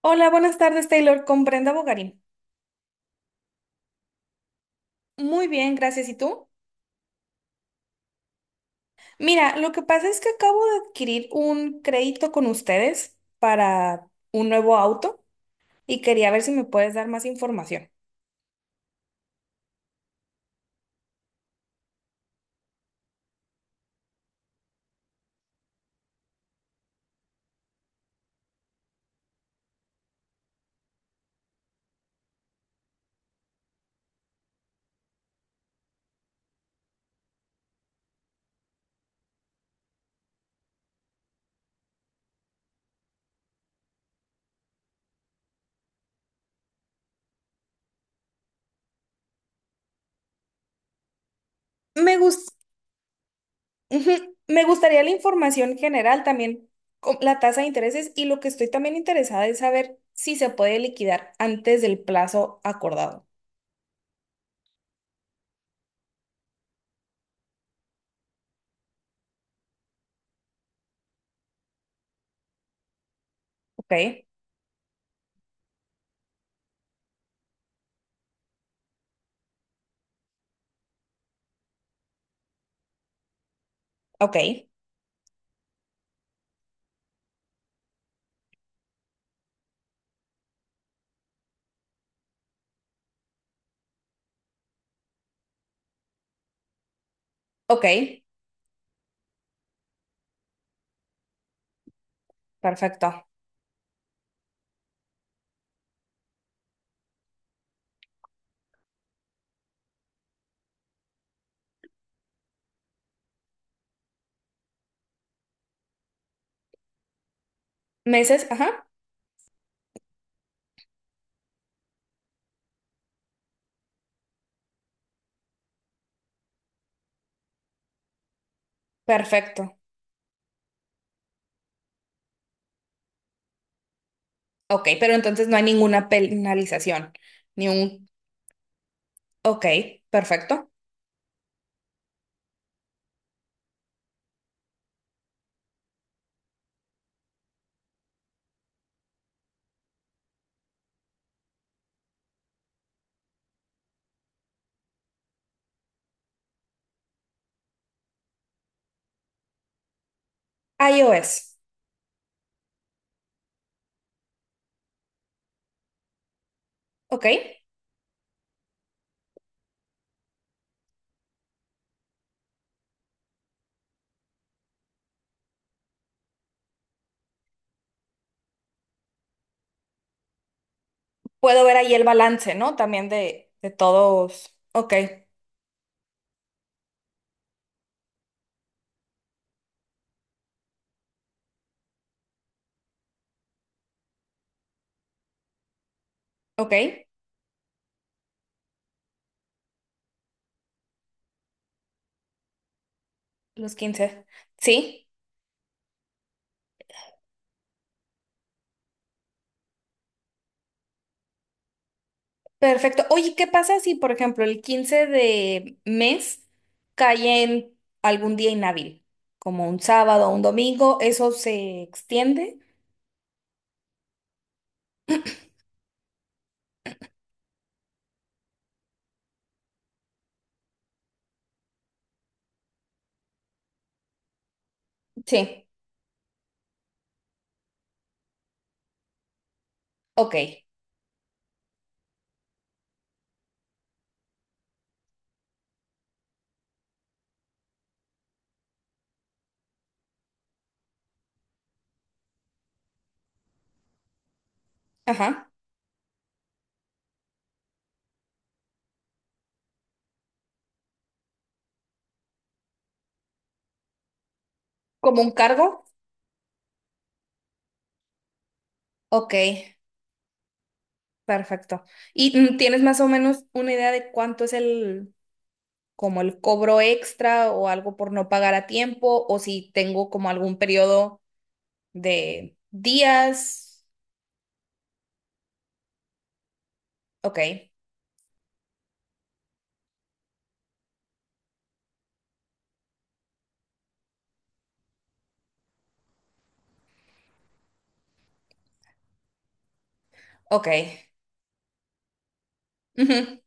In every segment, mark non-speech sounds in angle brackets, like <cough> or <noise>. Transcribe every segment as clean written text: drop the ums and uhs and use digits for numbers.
Hola, buenas tardes, Taylor, con Brenda Bogarín. Muy bien, gracias. ¿Y tú? Mira, lo que pasa es que acabo de adquirir un crédito con ustedes para un nuevo auto y quería ver si me puedes dar más información. Me gusta. Ujú. Me gustaría la información general también, la tasa de intereses y lo que estoy también interesada es saber si se puede liquidar antes del plazo acordado. Ok, ok, ok, perfecto. Meses, ajá, perfecto. Ok, pero entonces no hay ninguna penalización, ni un... Ok, perfecto. iOS, ok. Puedo ver ahí el balance, ¿no? También de todos. Ok, ok, los quince. Sí. Perfecto. Oye, ¿qué pasa si, por ejemplo, el 15 de mes cae en algún día inhábil, como un sábado o un domingo? ¿Eso se extiende? Sí. Ok. Ajá. ¿Como un cargo? Ok. Perfecto. ¿Y tienes más o menos una idea de cuánto es el, como el cobro extra o algo por no pagar a tiempo o si tengo como algún periodo de días? Ok. Ok. Ujú.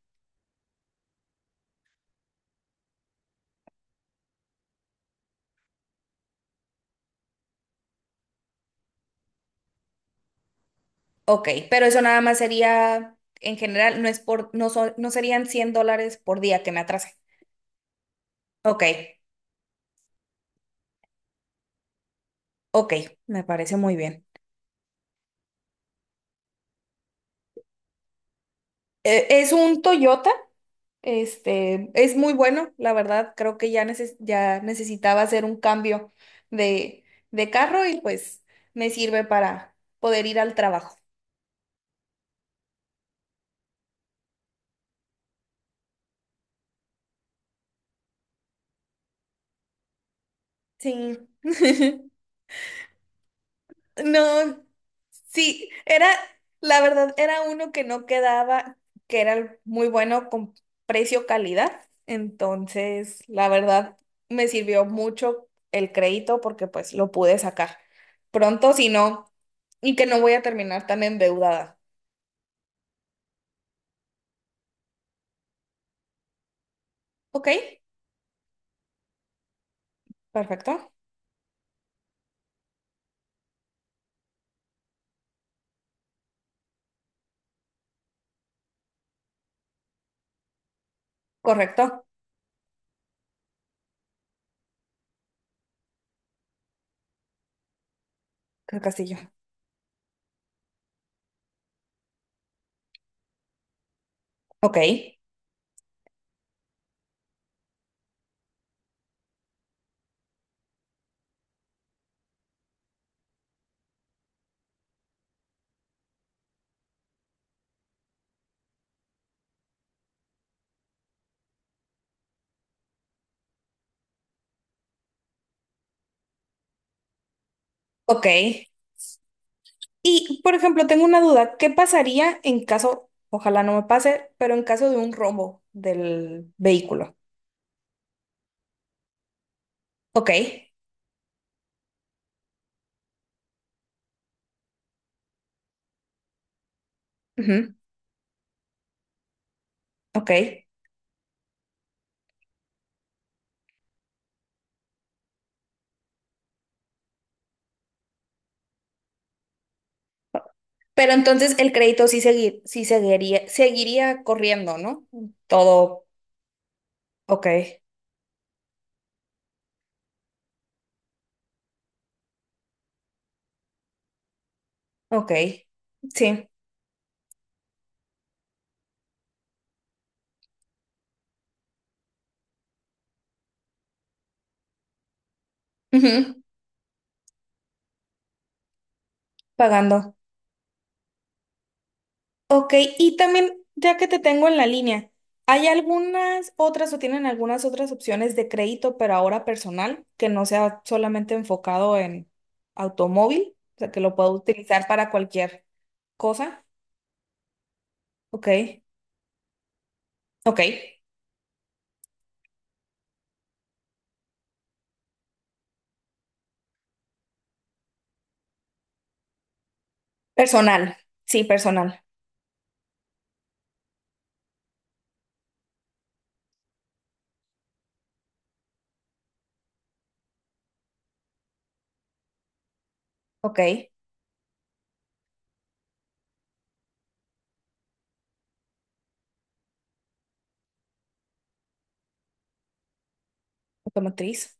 Ok, pero eso nada más sería, en general, no es por, no son, no serían $100 por día que me atrase. Ok, ok, me parece muy bien. Es un Toyota, este, es muy bueno, la verdad, creo que ya, ya necesitaba hacer un cambio de, de carro y pues me sirve para poder ir al trabajo. Sí. <laughs> No, sí, era, la verdad, era uno que no quedaba, que era muy bueno con precio-calidad. Entonces, la verdad, me sirvió mucho el crédito porque pues lo pude sacar pronto, si no, y que no voy a terminar tan endeudada. Ok, perfecto, correcto, creo que sí yo. Ok, ok. Y, por ejemplo, tengo una duda, ¿qué pasaría en caso, ojalá no me pase, pero en caso de un rombo del vehículo? Ok. Ujú, ok. Pero entonces el crédito sí, sí seguiría, seguiría corriendo, ¿no? Todo. Ok. Ok. Sí. Ujú. Pagando. Ok. Y también, ya que te tengo en la línea, ¿hay algunas otras o tienen algunas otras opciones de crédito, pero ahora personal, que no sea solamente enfocado en automóvil? O sea, que lo puedo utilizar para cualquier cosa. Ok. Ok. Personal. Sí, personal. Ok. Automotriz.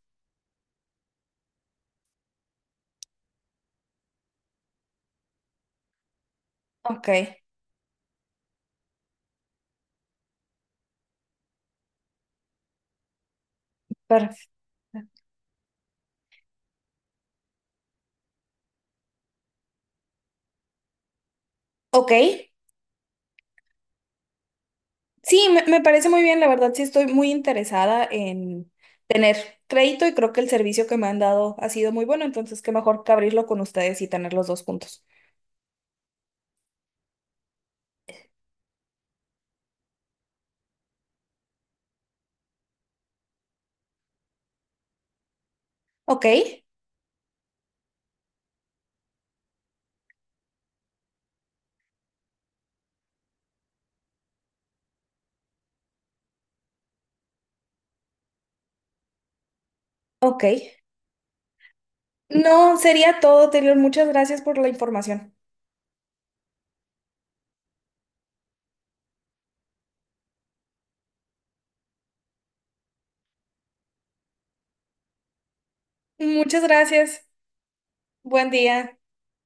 Ok, perfecto. Ok, sí, me parece muy bien, la verdad sí estoy muy interesada en tener crédito y creo que el servicio que me han dado ha sido muy bueno, entonces qué mejor que abrirlo con ustedes y tener los dos juntos. Ok, ok. No, sería todo, Taylor. Muchas gracias por la información. Muchas gracias. Buen día.